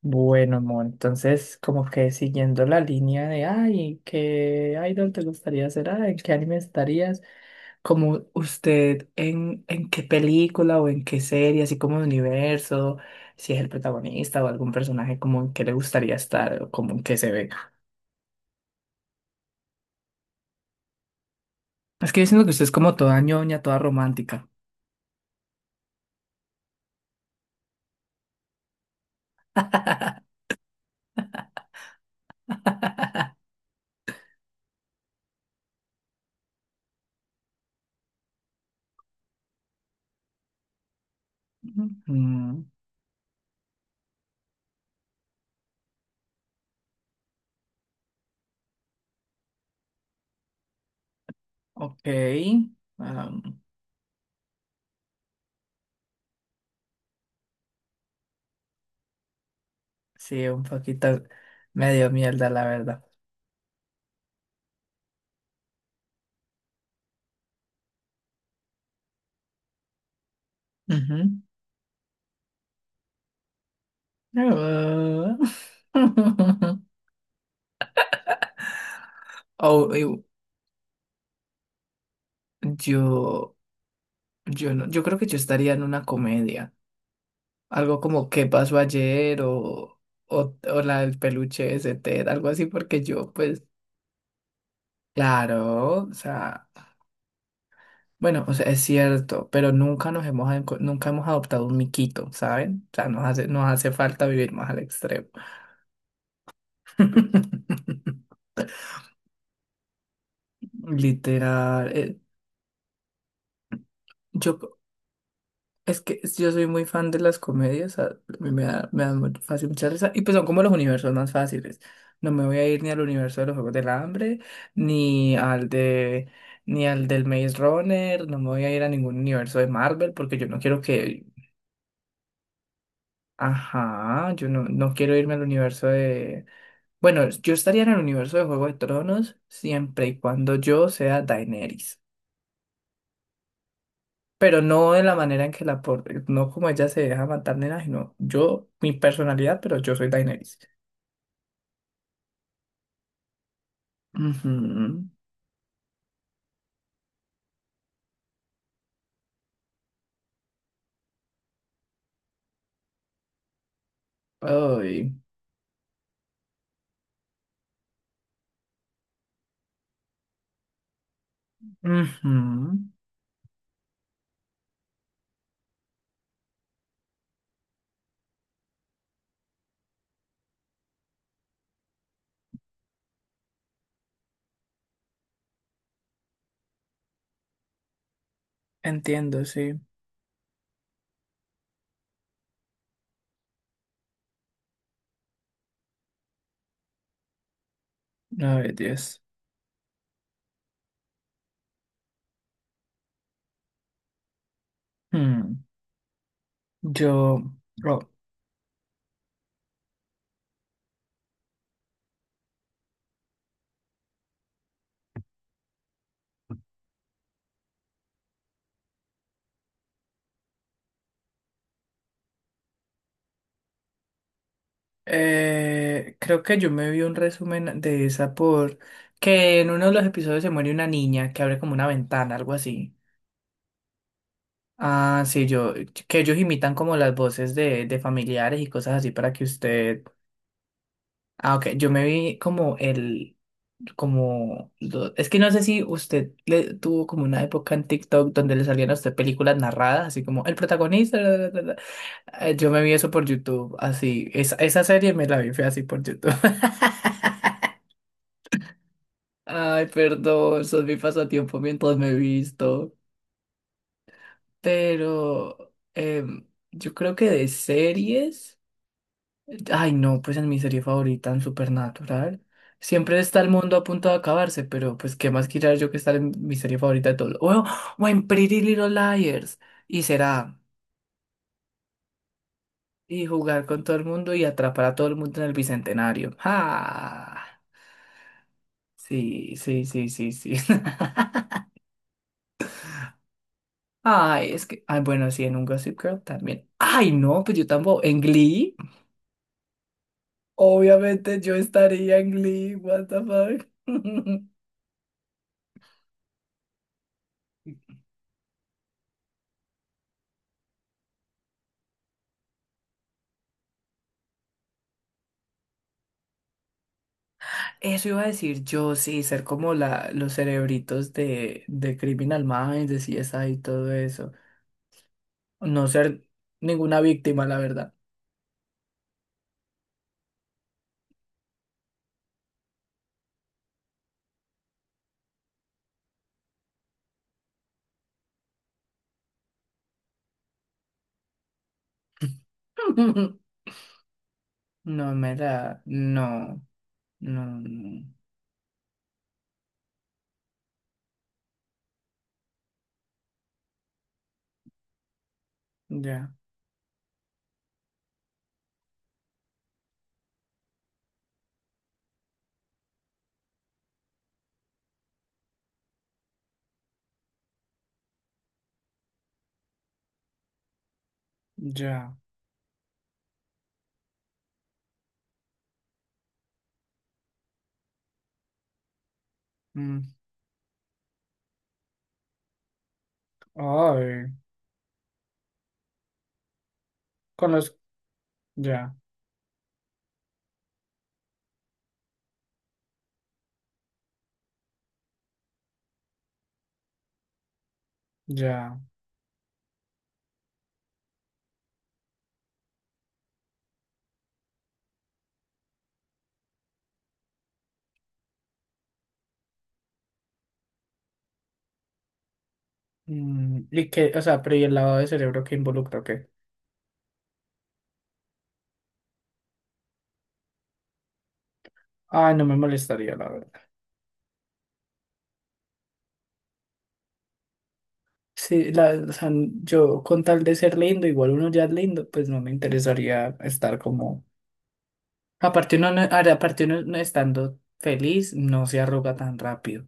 Bueno, amor, entonces como que siguiendo la línea de, ay, ¿qué idol te gustaría ser? Ay, ¿en qué anime estarías? Como usted, ¿en, qué película o en qué serie, así como de universo, si es el protagonista o algún personaje, como en qué le gustaría estar o como en qué se ve? Es que yo siento que usted es como toda ñoña, toda romántica. Mm, ok, am, sí, un poquito medio mierda, la verdad. Ah. Oh, eu- yo, yo no, yo creo que yo estaría en una comedia. Algo como ¿Qué pasó ayer? O la del peluche ese Ted, algo así, porque pues, claro, o sea, bueno, o sea, es cierto, pero nunca hemos adoptado un miquito, ¿saben? O sea, nos hace falta vivir más al extremo. Literal. Yo, Es que yo soy muy fan de las comedias, me da muy fácil mucha risa, y pues son como los universos más fáciles. No me voy a ir ni al universo de los Juegos del Hambre, ni al de, ni al del Maze Runner, no me voy a ir a ningún universo de Marvel, porque yo no quiero que, ajá, yo no, no quiero irme al universo de, bueno, yo estaría en el universo de Juego de Tronos siempre y cuando yo sea Daenerys. Pero no de la manera en que no como ella se deja matar, nena, sino yo, mi personalidad, pero yo soy Daenerys. Ujú. Ay. Ujú. Entiendo, sí. A Dios. Hmm. Yo, oh, creo que yo me vi un resumen de esa, por que en uno de los episodios se muere una niña que abre como una ventana, algo así. Ah, sí, yo, que ellos imitan como las voces de familiares y cosas así para que usted... Ah, ok. Yo me vi como el, es que no sé si usted le tuvo como una época en TikTok donde le salían a usted películas narradas, así como el protagonista. "La, la, la, la". Yo me vi eso por YouTube, así. Esa serie me la vi, fue así por YouTube. Ay, perdón, eso es mi pasatiempo mientras me he visto. Pero em, yo creo que de series. Ay, no, pues en mi serie favorita, en Supernatural, siempre está el mundo a punto de acabarse, pero pues qué más quisiera yo que estar en mi serie favorita de todo. O en Pretty Little Liars, y será, y jugar con todo el mundo y atrapar a todo el mundo en el Bicentenario. ¡Ah! Sí, sí, sí, sí, sí. Ay, es que, ay, bueno, sí, en un Gossip Girl también. Ay, no, pues yo tampoco, en Glee, obviamente yo estaría en Glee, what the fuck. Eso iba a decir yo, sí, ser como los cerebritos de Criminal Minds, de CSI y todo eso. No ser ninguna víctima, la verdad. No me da, no, no, no. Ya, ya. Mm, ay, con los, ya, ya. Mm, y que, o sea, pero ¿y el lavado de cerebro que involucra qué? Ay, no me molestaría, la verdad. Sí, la, o sea, yo con tal de ser lindo, igual uno ya es lindo, pues no me interesaría estar como... Aparte uno no, ahora, aparte uno no estando feliz, no se arruga tan rápido.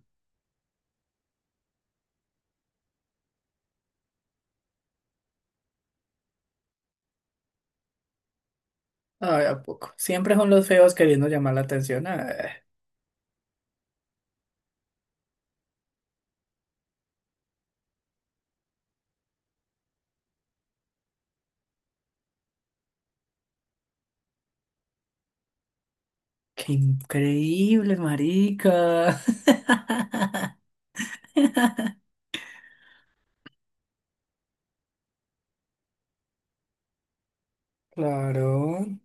Ay, ¿a poco? Siempre son los feos queriendo llamar la atención. Ay, qué increíble, marica. Claro.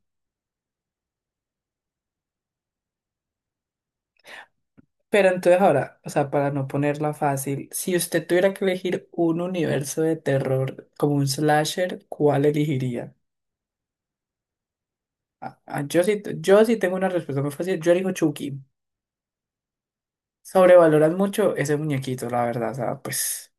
Pero entonces ahora, o sea, para no ponerla fácil, si usted tuviera que elegir un universo de terror como un slasher, ¿cuál elegiría? Yo sí, yo sí tengo una respuesta muy fácil. Yo elijo Chucky. Sobrevaloran mucho ese muñequito, la verdad. O sea, pues...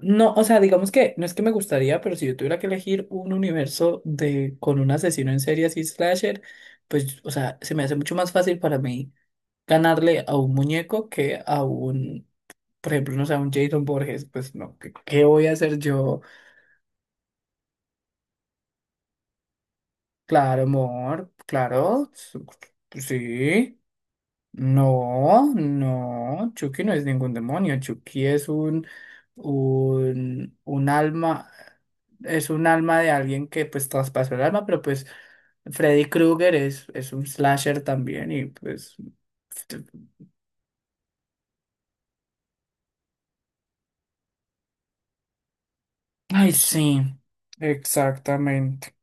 No, o sea, digamos que no es que me gustaría, pero si yo tuviera que elegir un universo de con un asesino en serie así slasher, pues, o sea, se me hace mucho más fácil para mí ganarle a un muñeco que a un, por ejemplo, no sé, a un Jason Borges, pues no, ¿qué voy a hacer yo? Claro, amor, claro, sí. No, no, Chucky no es ningún demonio, Chucky es un alma, es un alma de alguien que pues traspasó el alma, pero pues... Freddy Krueger es un slasher también y pues... te-. Ay, sí, exactamente,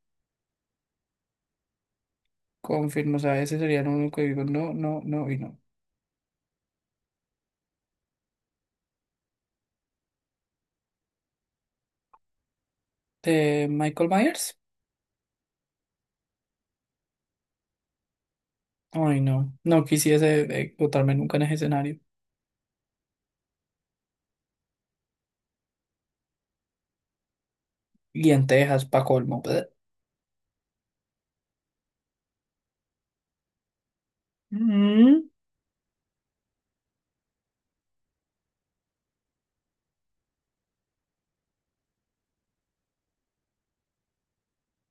confirmo, o sea, ese sería lo único que digo, no, no, no y no. ¿De Michael Myers? Ay, no, no quisiese botarme nunca en ese escenario. Y en Texas, pa' colmo. Bleh. Mm.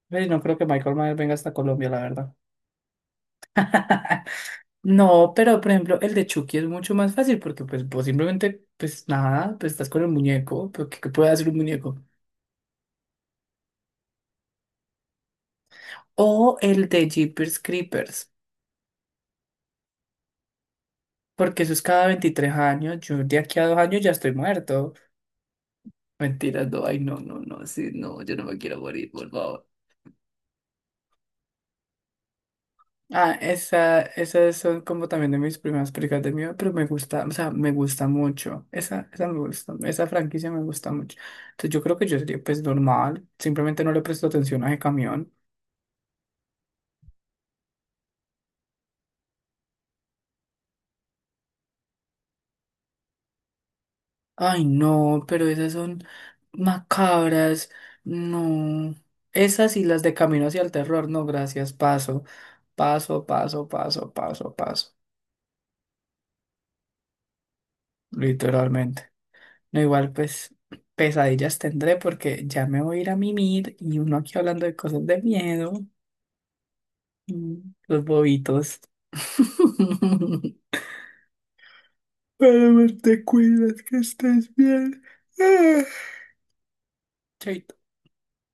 Ve, no creo que Michael Myers venga hasta Colombia, la verdad. No, pero por ejemplo, el de Chucky es mucho más fácil porque pues vos simplemente, pues nada, pues estás con el muñeco, pero ¿qué puede hacer un muñeco? O el de Jeepers Creepers, porque eso es cada 23 años, yo de aquí a 2 años ya estoy muerto. Mentiras, no, ay, no, no, no, sí, no, yo no me quiero morir, por favor. Ah, esas son como también de mis primeras películas de miedo, pero me gusta, o sea, me gusta mucho. Esa me gusta, esa franquicia me gusta mucho. Entonces yo creo que yo sería pues normal, simplemente no le presto atención a ese camión. Ay, no, pero esas son macabras, no. Esas y las de Camino hacia el terror, no, gracias, paso, paso, paso, paso, paso, paso, literalmente. No, igual pues pesadillas tendré porque ya me voy a ir a mimir y uno aquí hablando de cosas de miedo. Mm, los bobitos. Pero te cuidas, que estés bien. Ah. Chaito.